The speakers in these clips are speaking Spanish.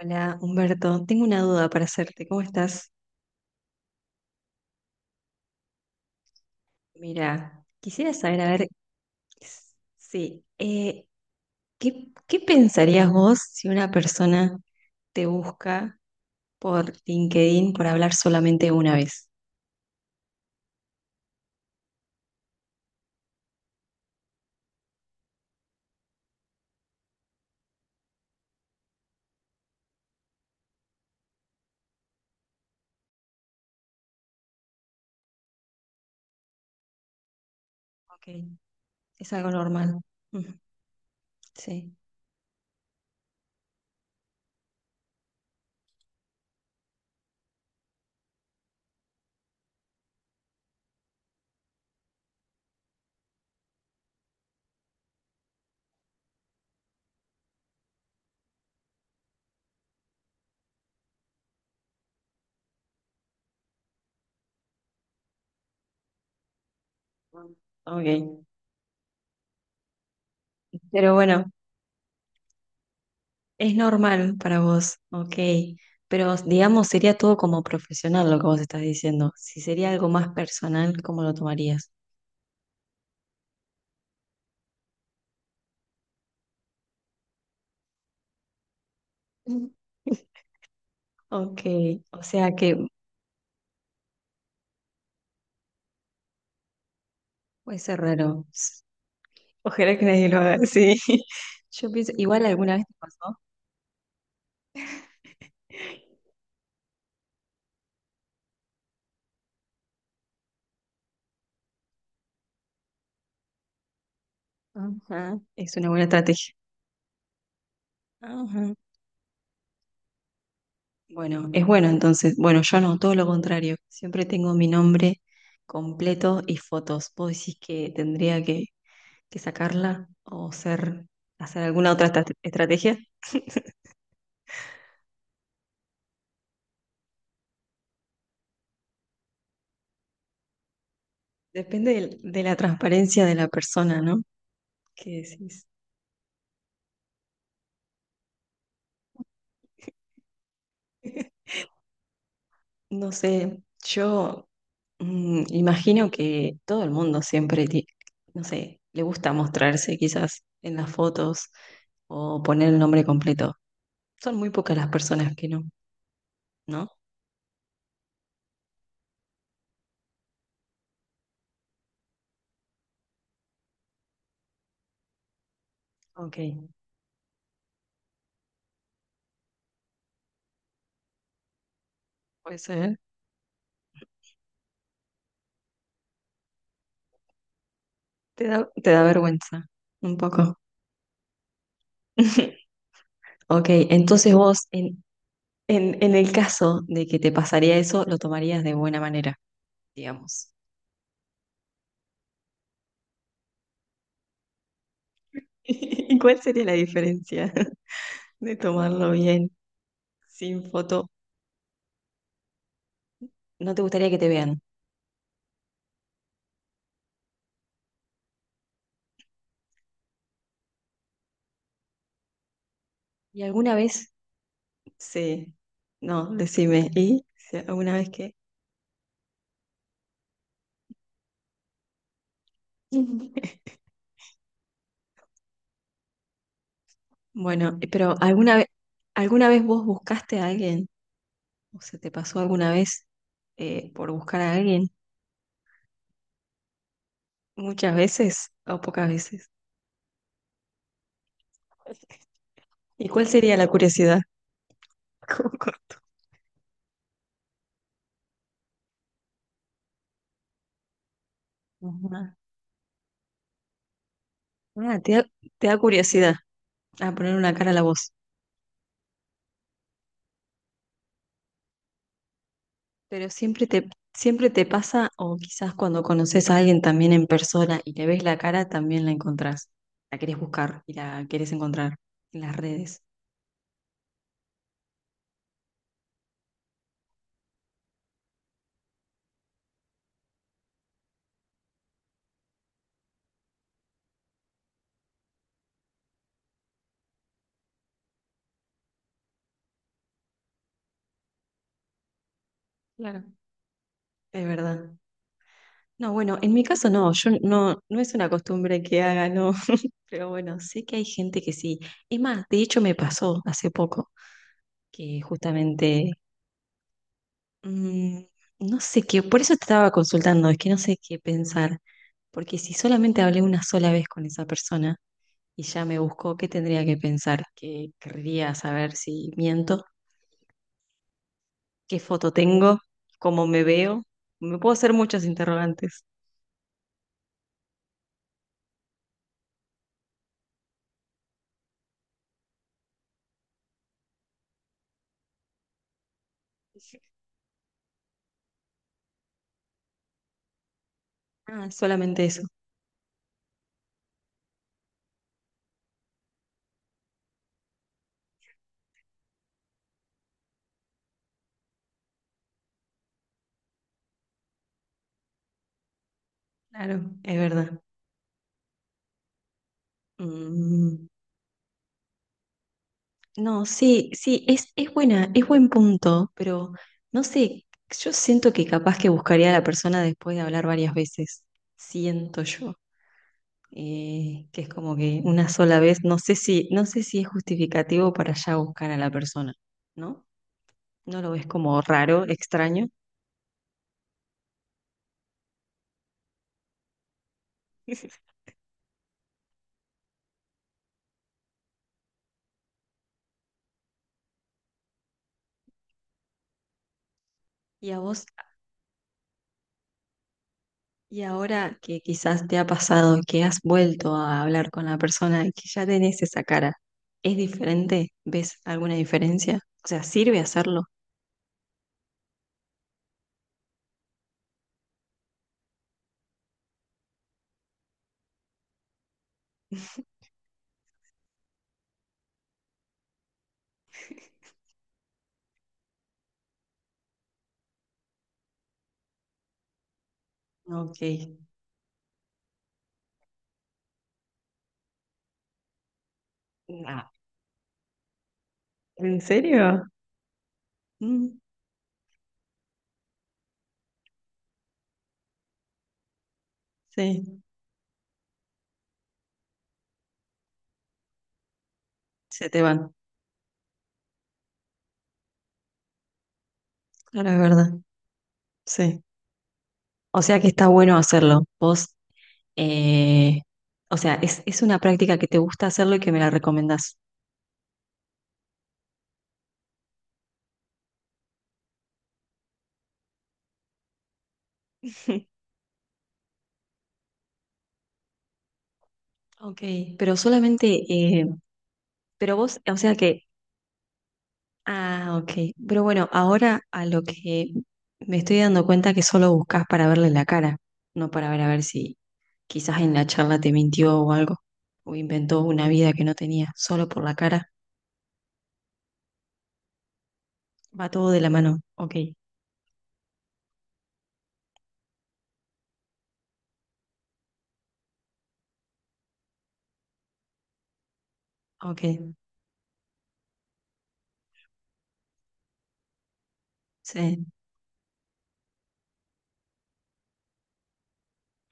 Hola, Humberto. Tengo una duda para hacerte. ¿Cómo estás? Mira, quisiera saber, a ver, s- sí, eh, ¿qué pensarías vos si una persona te busca por LinkedIn por hablar solamente una vez? Ok, es algo normal. Mm. Sí. Ok. Pero bueno, es normal para vos. Ok. Pero digamos, sería todo como profesional lo que vos estás diciendo. Si sería algo más personal, ¿cómo lo tomarías? Ok, o sea que puede ser raro. Ojalá que nadie lo haga, sí. Yo pienso, igual alguna vez te pasó. Ajá. Es una buena estrategia. Ajá. Bueno, es bueno entonces. Bueno, yo no, todo lo contrario. Siempre tengo mi nombre completo y fotos. ¿Vos decís que tendría que sacarla o ser, hacer alguna otra estrategia? Depende de la transparencia de la persona, ¿no? ¿Qué decís? No sé, yo, mm, imagino que todo el mundo siempre, no sé, le gusta mostrarse quizás en las fotos o poner el nombre completo. Son muy pocas las personas que no, ¿no? Ok, puede ser. Te da vergüenza, un poco. Ok, entonces vos, en el caso de que te pasaría eso, lo tomarías de buena manera, digamos. ¿Y cuál sería la diferencia de tomarlo bien, sin foto? No te gustaría que te vean. ¿Y alguna vez... Sí, no, decime. ¿Y si alguna vez que... Bueno, pero ¿alguna vez vos buscaste a alguien? ¿O se te pasó alguna vez por buscar a alguien? ¿Muchas veces o pocas veces? ¿Y cuál sería la curiosidad? Como corto. Ajá. Ah, te da curiosidad a poner una cara a la voz. Pero siempre te pasa, o quizás cuando conoces a alguien también en persona y le ves la cara, también la encontrás. La querés buscar y la querés encontrar en las redes. Claro. Es verdad. No, bueno, en mi caso no, yo no, no es una costumbre que haga, no. Pero bueno, sé que hay gente que sí. Es más, de hecho me pasó hace poco que justamente, mm, no sé qué, por eso te estaba consultando, es que no sé qué pensar. Porque si solamente hablé una sola vez con esa persona, y ya me buscó, qué tendría que pensar, qué querría saber, si miento, qué foto tengo, cómo me veo. Me puedo hacer muchos interrogantes. Ah, solamente eso. Claro, es verdad. Mm, no, sí, sí, es buena, es buen punto, pero no sé, yo siento que capaz que buscaría a la persona después de hablar varias veces. Siento yo. Que es como que una sola vez, no sé si es justificativo para ya buscar a la persona, ¿no? ¿No lo ves como raro, extraño? Y a vos, y ahora que quizás te ha pasado, que has vuelto a hablar con la persona y que ya tenés esa cara, ¿es diferente? ¿Ves alguna diferencia? O sea, ¿sirve hacerlo? Ok. Ah, ¿en serio? Mm, sí, se te van. Claro, es verdad. Sí. O sea que está bueno hacerlo. Vos, eh, o sea, es una práctica que te gusta hacerlo y que me la recomendás. Ok, pero solamente pero vos, o sea que, ah, ok. Pero bueno, ahora a lo que me estoy dando cuenta que solo buscas para verle la cara, no para ver a ver si quizás en la charla te mintió o algo, o inventó una vida que no tenía, solo por la cara. Va todo de la mano. Ok, ok. Sí.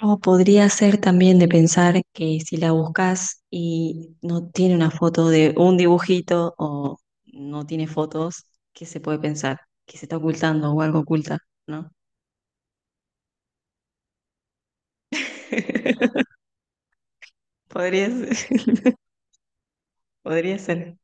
O podría ser también de pensar que si la buscas y no tiene una foto de un dibujito o no tiene fotos, ¿qué se puede pensar? Que se está ocultando o algo oculta, ¿no? Podría ser, podría ser.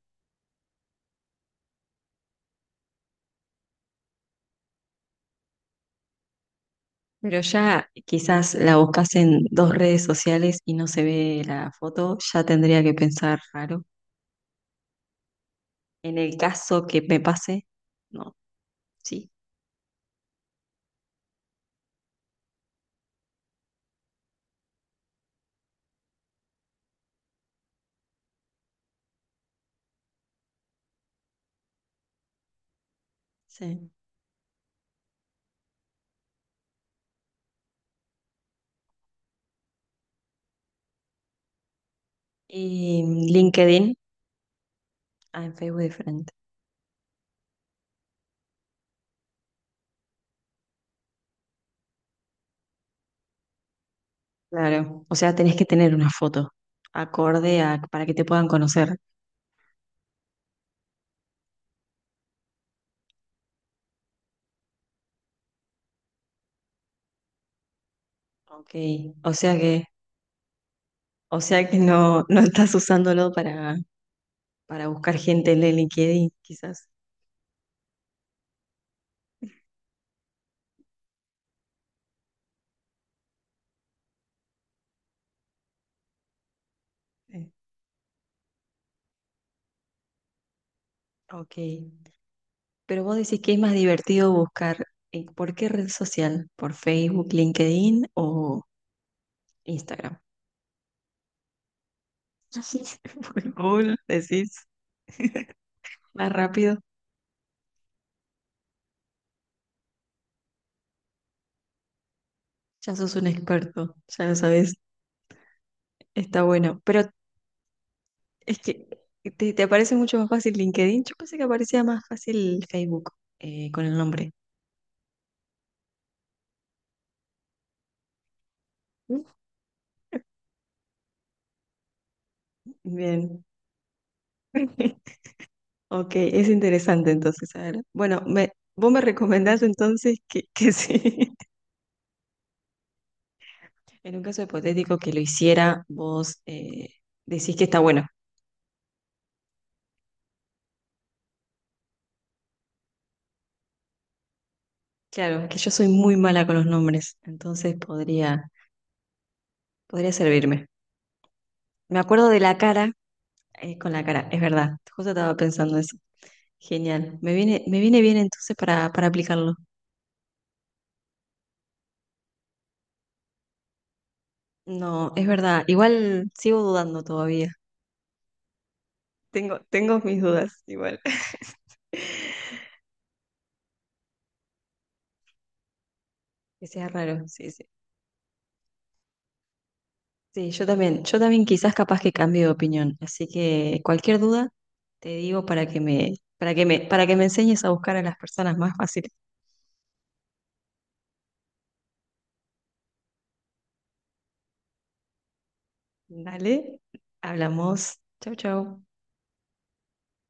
Pero ya quizás la buscas en dos redes sociales y no se ve la foto, ya tendría que pensar raro. En el caso que me pase, no, sí, sí. Y LinkedIn, ah, en Facebook diferente. Claro, o sea, tenés que tener una foto acorde a para que te puedan conocer. Ok, o sea que, o sea que no, no estás usándolo para buscar gente en el LinkedIn, quizás. Sí. Ok. Pero vos decís que es más divertido buscar por qué red social, por Facebook, LinkedIn o Instagram. Por Google, decís, más rápido. Ya sos un experto, ya lo sabés, está bueno. Pero es que te aparece mucho más fácil LinkedIn. Yo pensé que aparecía más fácil Facebook, con el nombre. Mm. Bien. Ok, es interesante entonces. A ver. Bueno, me, vos me recomendás entonces que sí. En un caso hipotético que lo hiciera, vos, decís que está bueno. Claro, que yo soy muy mala con los nombres, entonces podría, podría servirme. Me acuerdo de la cara, con la cara, es verdad, justo estaba pensando eso. Genial, me viene bien entonces para aplicarlo. No, es verdad, igual sigo dudando todavía. Tengo mis dudas, igual. Que sea raro, sí, sí. Sí, yo también quizás capaz que cambie de opinión, así que cualquier duda te digo para que me enseñes a buscar a las personas más fáciles. Dale, hablamos. Chau, chau.